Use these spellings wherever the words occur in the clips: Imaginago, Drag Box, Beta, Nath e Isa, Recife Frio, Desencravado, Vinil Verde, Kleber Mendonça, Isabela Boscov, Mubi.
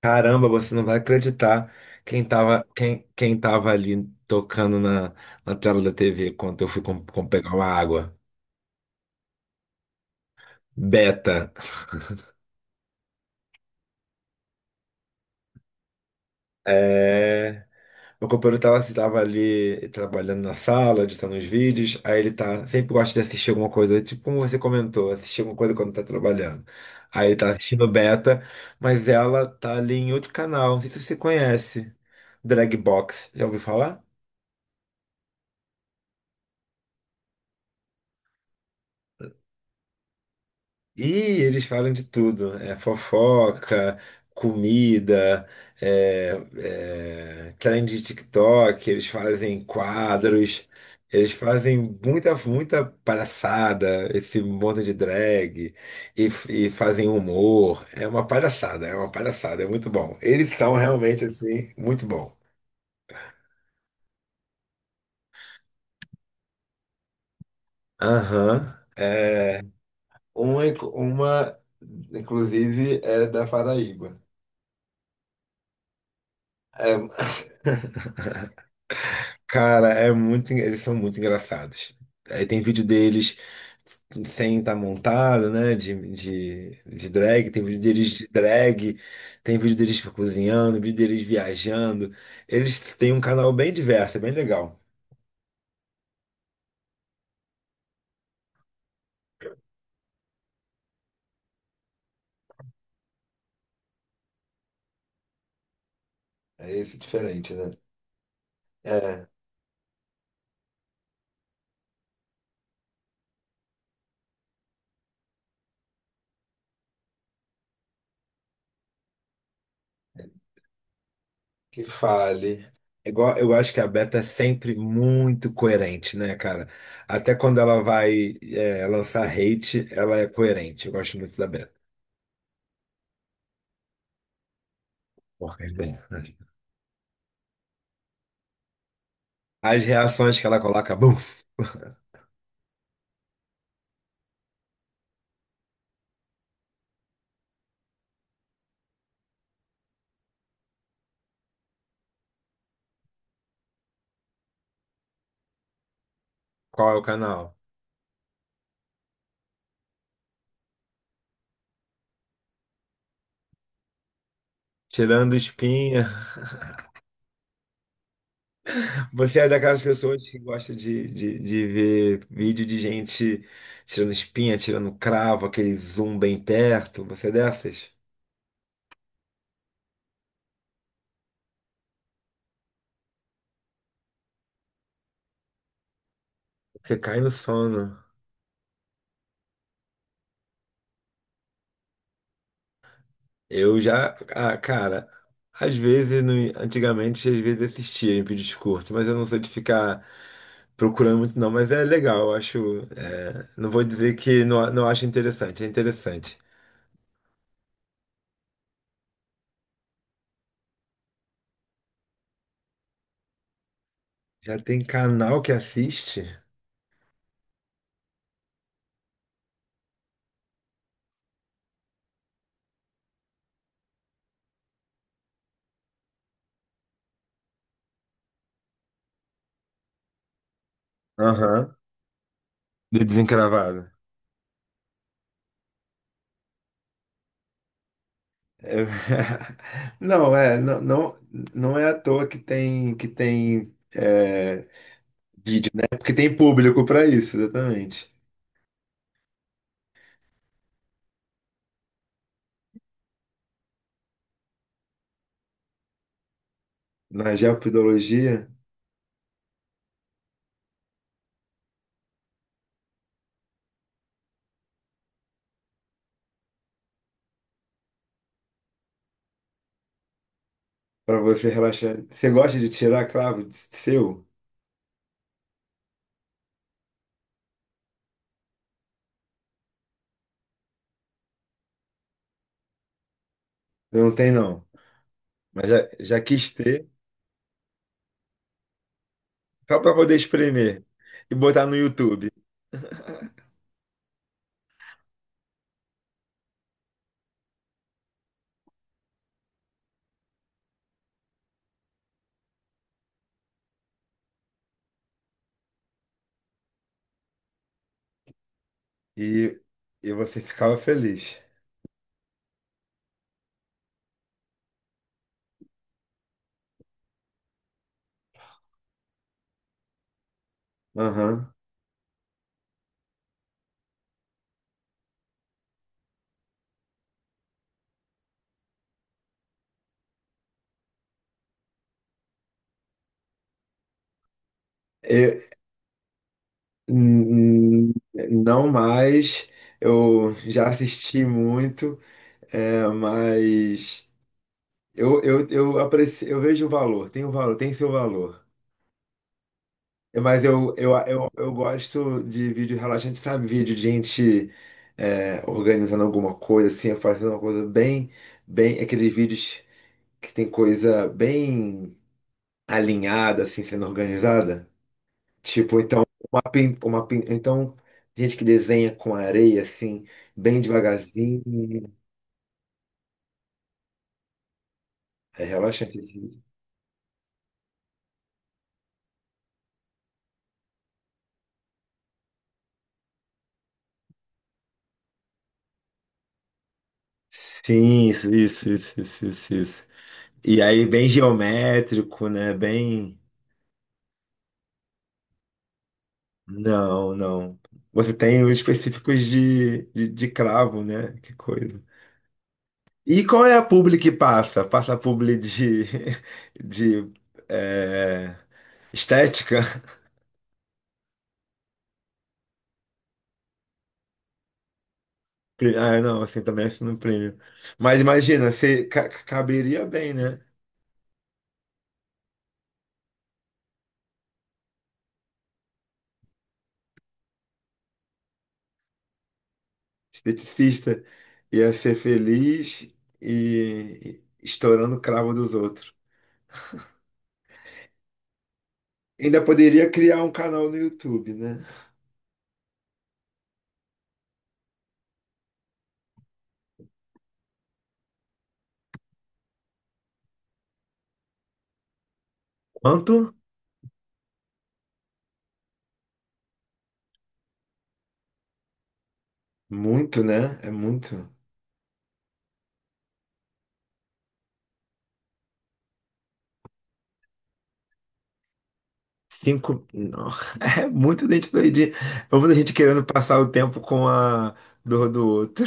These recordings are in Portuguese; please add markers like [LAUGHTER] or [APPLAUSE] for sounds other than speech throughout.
Caramba, você não vai acreditar quem tava, quem tava ali tocando na tela da TV quando eu fui com pegar uma água. Beta. É, meu companheiro tava ali trabalhando na sala, editando os vídeos. Aí ele tá, sempre gosta de assistir alguma coisa, tipo como você comentou, assistir alguma coisa quando tá trabalhando. Aí ele tá assistindo Beta, mas ela tá ali em outro canal, não sei se você conhece. Drag Box, já ouviu falar? E eles falam de tudo, é fofoca, comida, é, trend de TikTok, eles fazem quadros, eles fazem muita palhaçada, esse monte de drag, e fazem humor. É uma palhaçada, é uma palhaçada, é muito bom. Eles são realmente, assim, muito bom. Aham. É, uma, uma, inclusive, é da Paraíba. É, cara, é eles são muito engraçados. Aí tem vídeo deles sem estar montado, né? De drag, tem vídeo deles de drag, tem vídeo deles cozinhando, vídeo deles viajando. Eles têm um canal bem diverso, é bem legal. É esse diferente, né? É, que fale. É igual, eu acho que a Beta é sempre muito coerente, né, cara? Até quando ela vai, lançar hate, ela é coerente. Eu gosto muito da Beta. Porra, bem. As reações que ela coloca, buf, qual é o canal? Tirando espinha. [LAUGHS] Você é daquelas pessoas que gosta de ver vídeo de gente tirando espinha, tirando cravo, aquele zoom bem perto. Você é dessas? Você cai no sono. Eu já, ah, cara, às vezes, no- antigamente, às vezes assistia em vídeos curtos, mas eu não sou de ficar procurando muito, não. Mas é legal, eu acho. É, não vou dizer que não acho interessante, é interessante. Já tem canal que assiste? Aham. Do Desencravado. É, [LAUGHS] Não, é, não, não, não é à toa que é porque tem público para isso, exatamente. Na geopodologia, para você relaxar. Você gosta de tirar seu? Eu não tem, não. Mas já, já quis ter, só para poder espremer e botar no YouTube. E, e você ficava feliz. Aham. Hum, hum, não mais, eu já assisti muito, é, mas eu aprecio, eu vejo o valor, tem seu valor. É, mas eu gosto de vídeo relaxante, sabe? Vídeo de gente organizando alguma coisa, assim, fazendo uma coisa aqueles vídeos que tem coisa bem alinhada, assim, sendo organizada. Tipo, então, então, gente que desenha com areia, assim, bem devagarzinho. É relaxante, assim. Sim, isso. E aí, bem geométrico, né? Bem. Não, não. Você tem os específicos de cravo, né? Que coisa. E qual é a publi que passa? Passa a publi de, [LAUGHS] de eh, estética? Ah, não, assim também assina no prêmio. Mas imagina, caberia bem, né? Esteticista. Ia ser feliz e e estourando o cravo dos outros. Ainda poderia criar um canal no YouTube, né? Quanto? Muito, né? É muito. Cinco. Não. [LAUGHS] É muito dente doidinho. Vamos a gente querendo passar o tempo com a dor do outro.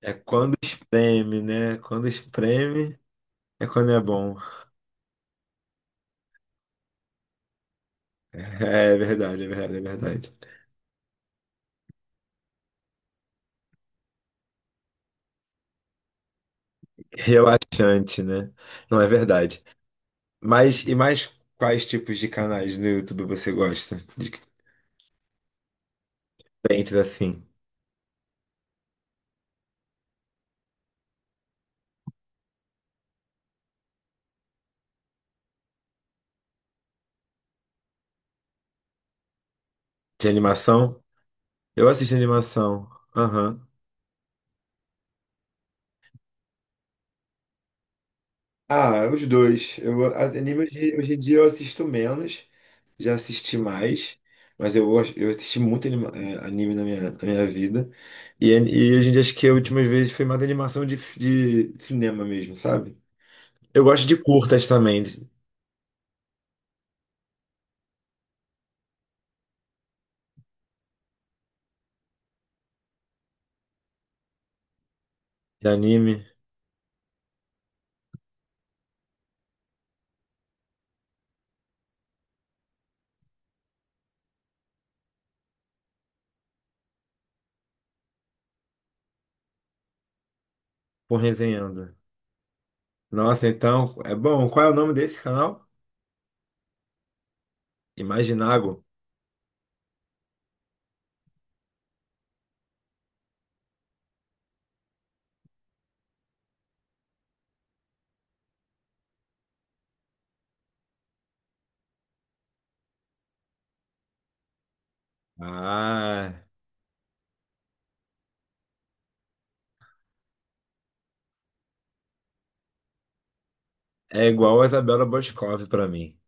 É quando espreme, né? Quando espreme é quando é bom. É verdade, é verdade, é verdade. Relaxante, né? Não é verdade. Mas e mais quais tipos de canais no YouTube você gosta? De diferentes assim. De animação? Eu assisto animação. Aham. Ah, os dois. Anime hoje, hoje em dia eu assisto menos, já assisti mais, mas eu assisti muito anime na na minha vida. E hoje em dia acho que a última vez foi mais animação de cinema mesmo, sabe? Eu gosto de curtas também, de anime, com resenhando. Nossa, então, é bom. Qual é o nome desse canal? Imaginago. Ah, é igual a Isabela Boscov pra mim.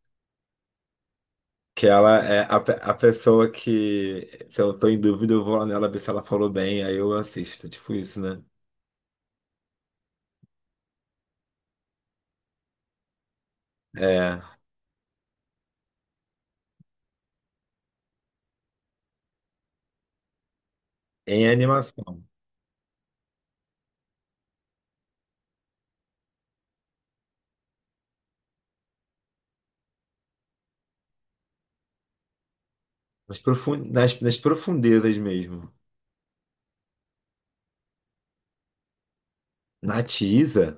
Que ela é a pessoa que, se eu tô em dúvida, eu vou lá nela ver se ela falou bem, aí eu assisto. Tipo isso, né? É, em animação. Nas profundezas mesmo. Nath e Isa?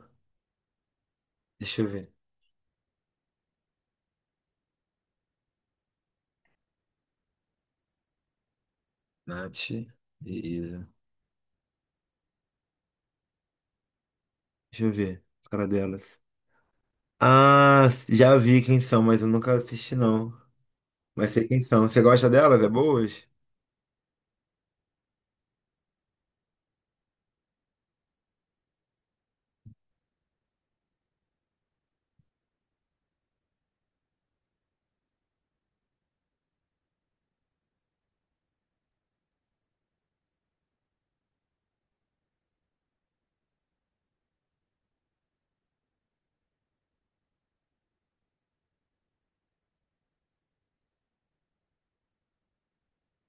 Deixa eu ver. Nath e Isa. Deixa eu ver. Cara delas. Ah, já vi quem são, mas eu nunca assisti, não. Mas sei quem são. Você gosta delas? É boas?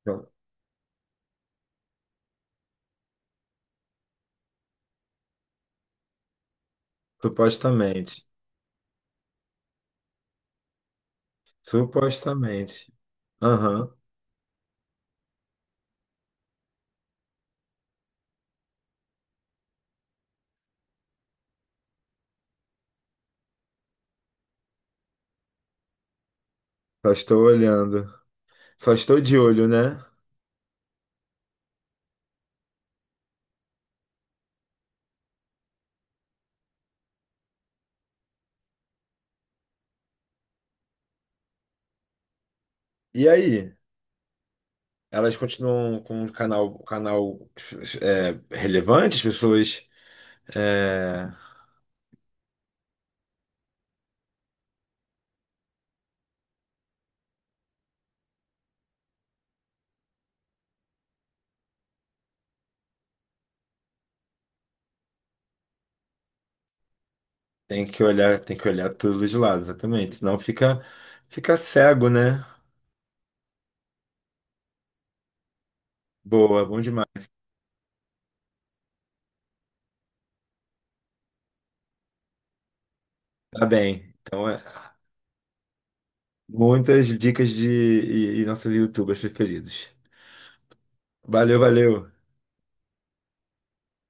Então, supostamente. Supostamente. Aham. Só estou olhando. Só estou de olho, né? E aí? Elas continuam com o canal, um canal relevante? As pessoas é, têm que olhar, tem que olhar todos os lados, exatamente. Senão fica, fica cego, né? Boa, bom demais. Tá bem. Então, é, muitas dicas e nossos YouTubers preferidos. Valeu, valeu.